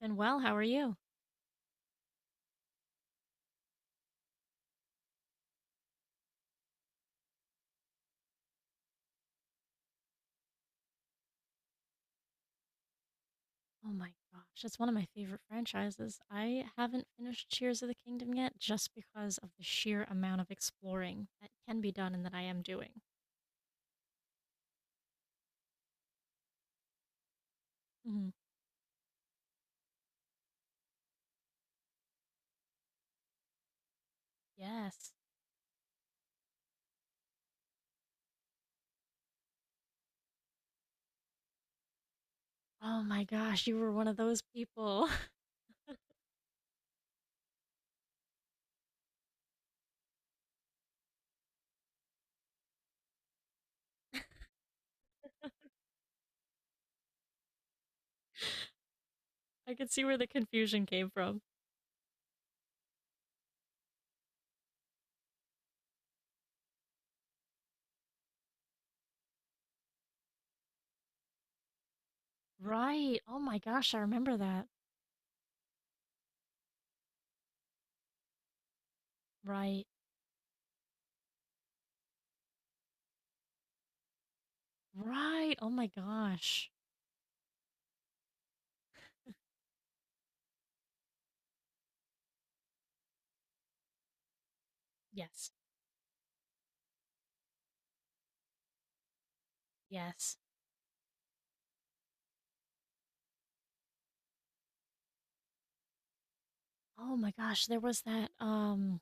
And well, how are you? Oh my gosh, it's one of my favorite franchises. I haven't finished Tears of the Kingdom yet just because of the sheer amount of exploring that can be done and that I am doing. Mhm. Yes. Oh my gosh, you were one of those people. I could see where the confusion came from. Right. Oh my gosh, I remember that. Right. Right. Oh my gosh. Yes. Yes. Oh my gosh, there was that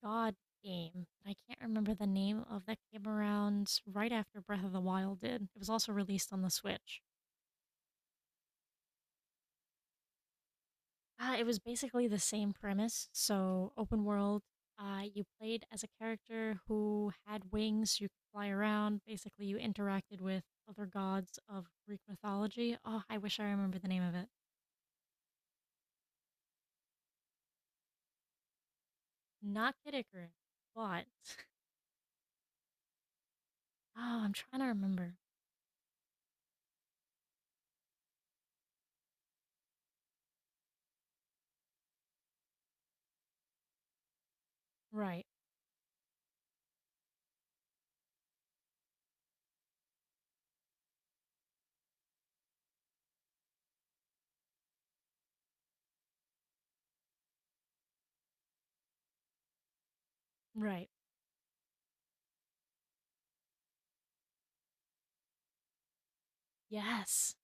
god game. I can't remember the name of that came around right after Breath of the Wild did. It was also released on the Switch. It was basically the same premise, so open world. You played as a character who had wings. You could fly around. Basically, you interacted with other gods of Greek mythology. Oh, I wish I remember the name of it. Not Kid Icarus, but oh, I'm trying to remember. Right, right. Yes.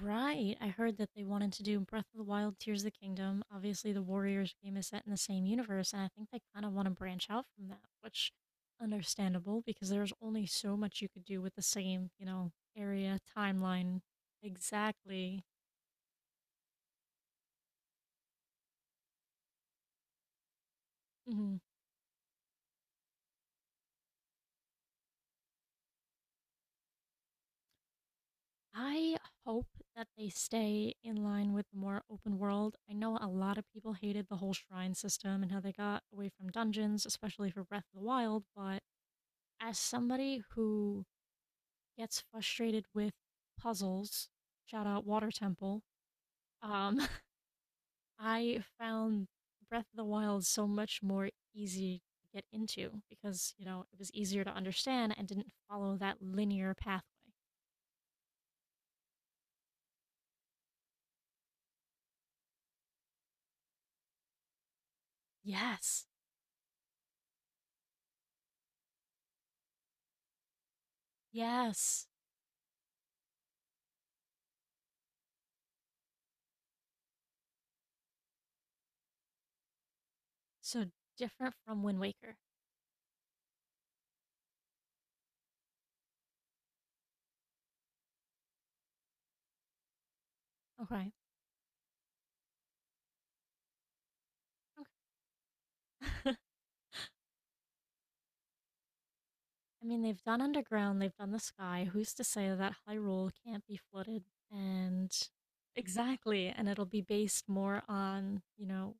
Right. I heard that they wanted to do Breath of the Wild, Tears of the Kingdom. Obviously, the Warriors game is set in the same universe, and I think they kind of want to branch out from that, which understandable because there's only so much you could do with the same, you know, area timeline. Exactly. Hmm. I hope that they stay in line with the more open world. I know a lot of people hated the whole shrine system and how they got away from dungeons, especially for Breath of the Wild, but as somebody who gets frustrated with puzzles, shout out Water Temple, um, I found Breath of the Wild so much more easy to get into because, you know, it was easier to understand and didn't follow that linear pathway. Yes. Yes. So different from Wind Waker. Okay. Okay. I mean, they've done underground, they've done the sky. Who's to say that Hyrule can't be flooded? And exactly, and it'll be based more on, you know,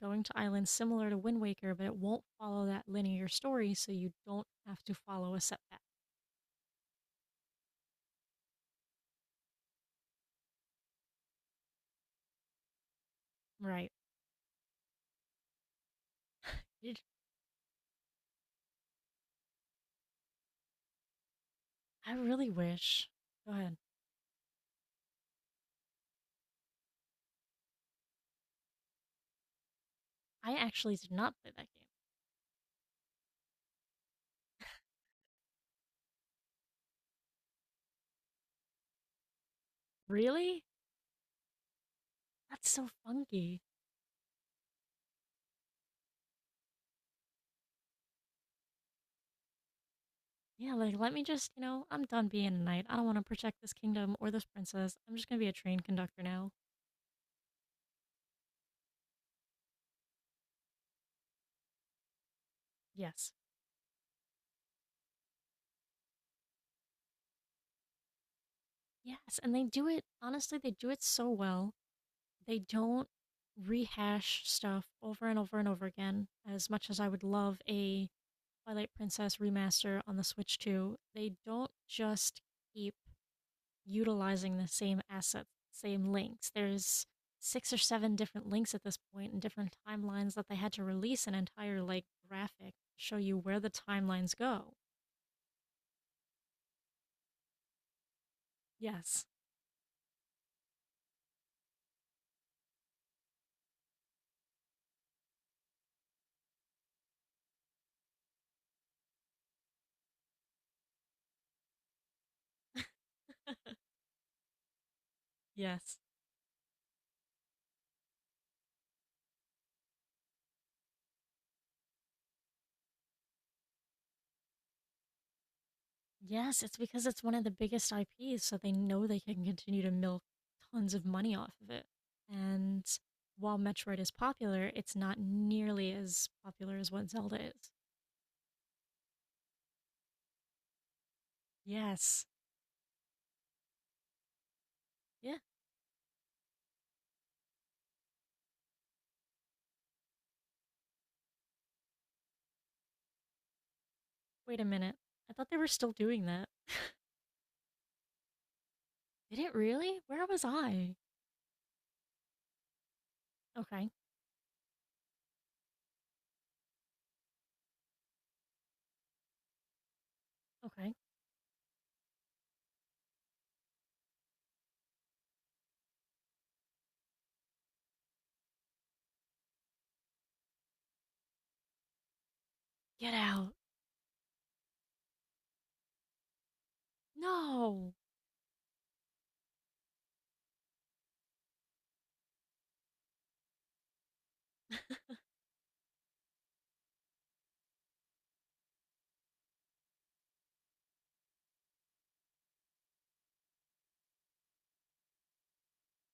going to islands similar to Wind Waker, but it won't follow that linear story, so you don't have to follow a setback. Right. Did, I really wish. Go ahead. I actually did not play that game. Really? That's so funky. Yeah, like let me just, you know, I'm done being a knight. I don't want to protect this kingdom or this princess. I'm just gonna be a train conductor now. Yes. Yes, and they do it honestly, they do it so well. They don't rehash stuff over and over and over again. As much as I would love a Twilight Princess Remaster on the Switch 2, they don't just keep utilizing the same assets, same links. There's six or seven different links at this point and different timelines that they had to release an entire like graphic to show you where the timelines go. Yes. Yes. Yes, it's because it's one of the biggest IPs, so they know they can continue to milk tons of money off of it. And while Metroid is popular, it's not nearly as popular as what Zelda is. Yes. Yeah. Wait a minute. I thought they were still doing that. Did it really? Where was I? Okay. Okay. Get out. No.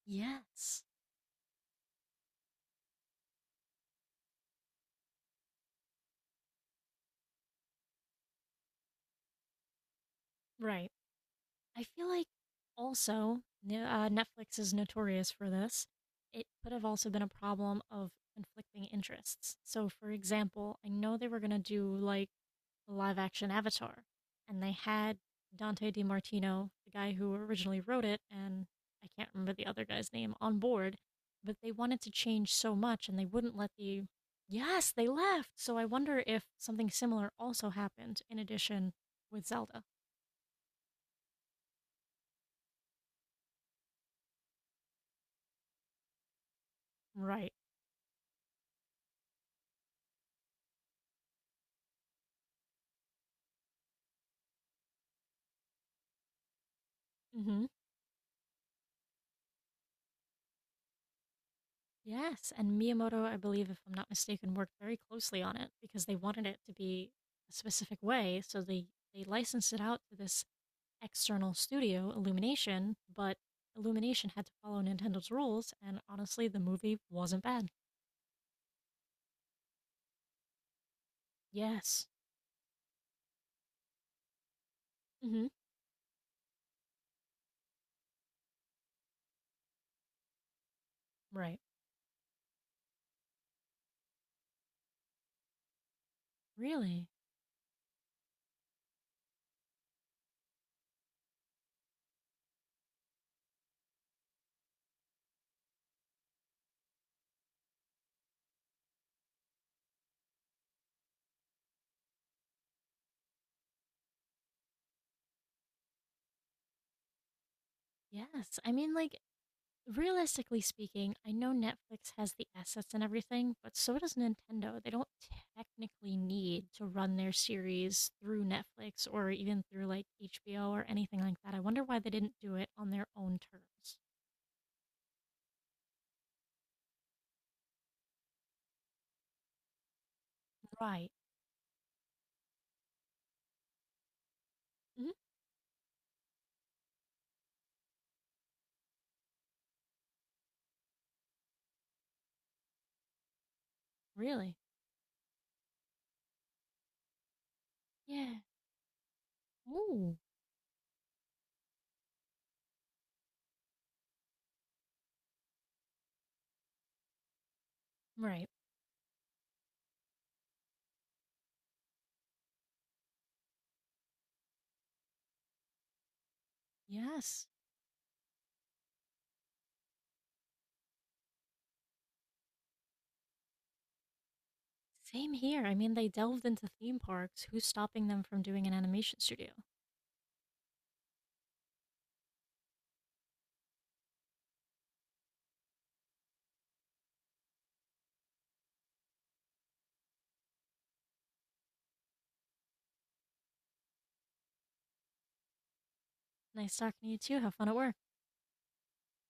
Yes. Right. I feel like also Netflix is notorious for this. It could have also been a problem of conflicting interests. So, for example, I know they were going to do like live action Avatar, and they had Dante DiMartino, the guy who originally wrote it, and I can't remember the other guy's name, on board, but they wanted to change so much and they wouldn't let the. Yes, they left! So I wonder if something similar also happened in addition with Zelda. Right. Hmm. Yes, and Miyamoto, I believe, if I'm not mistaken, worked very closely on it because they wanted it to be a specific way, so they licensed it out to this external studio, Illumination, but Illumination had to follow Nintendo's rules, and honestly, the movie wasn't bad. Yes. Hmm. Right. Really? Yes. I mean, like, realistically speaking, I know Netflix has the assets and everything, but so does Nintendo. They don't technically need to run their series through Netflix or even through, like, HBO or anything like that. I wonder why they didn't do it on their own terms. Right. Hmm. Really? Yeah. Ooh. Right. Yes. Same here. I mean, they delved into theme parks. Who's stopping them from doing an animation studio? Nice talking to you too. Have fun at work.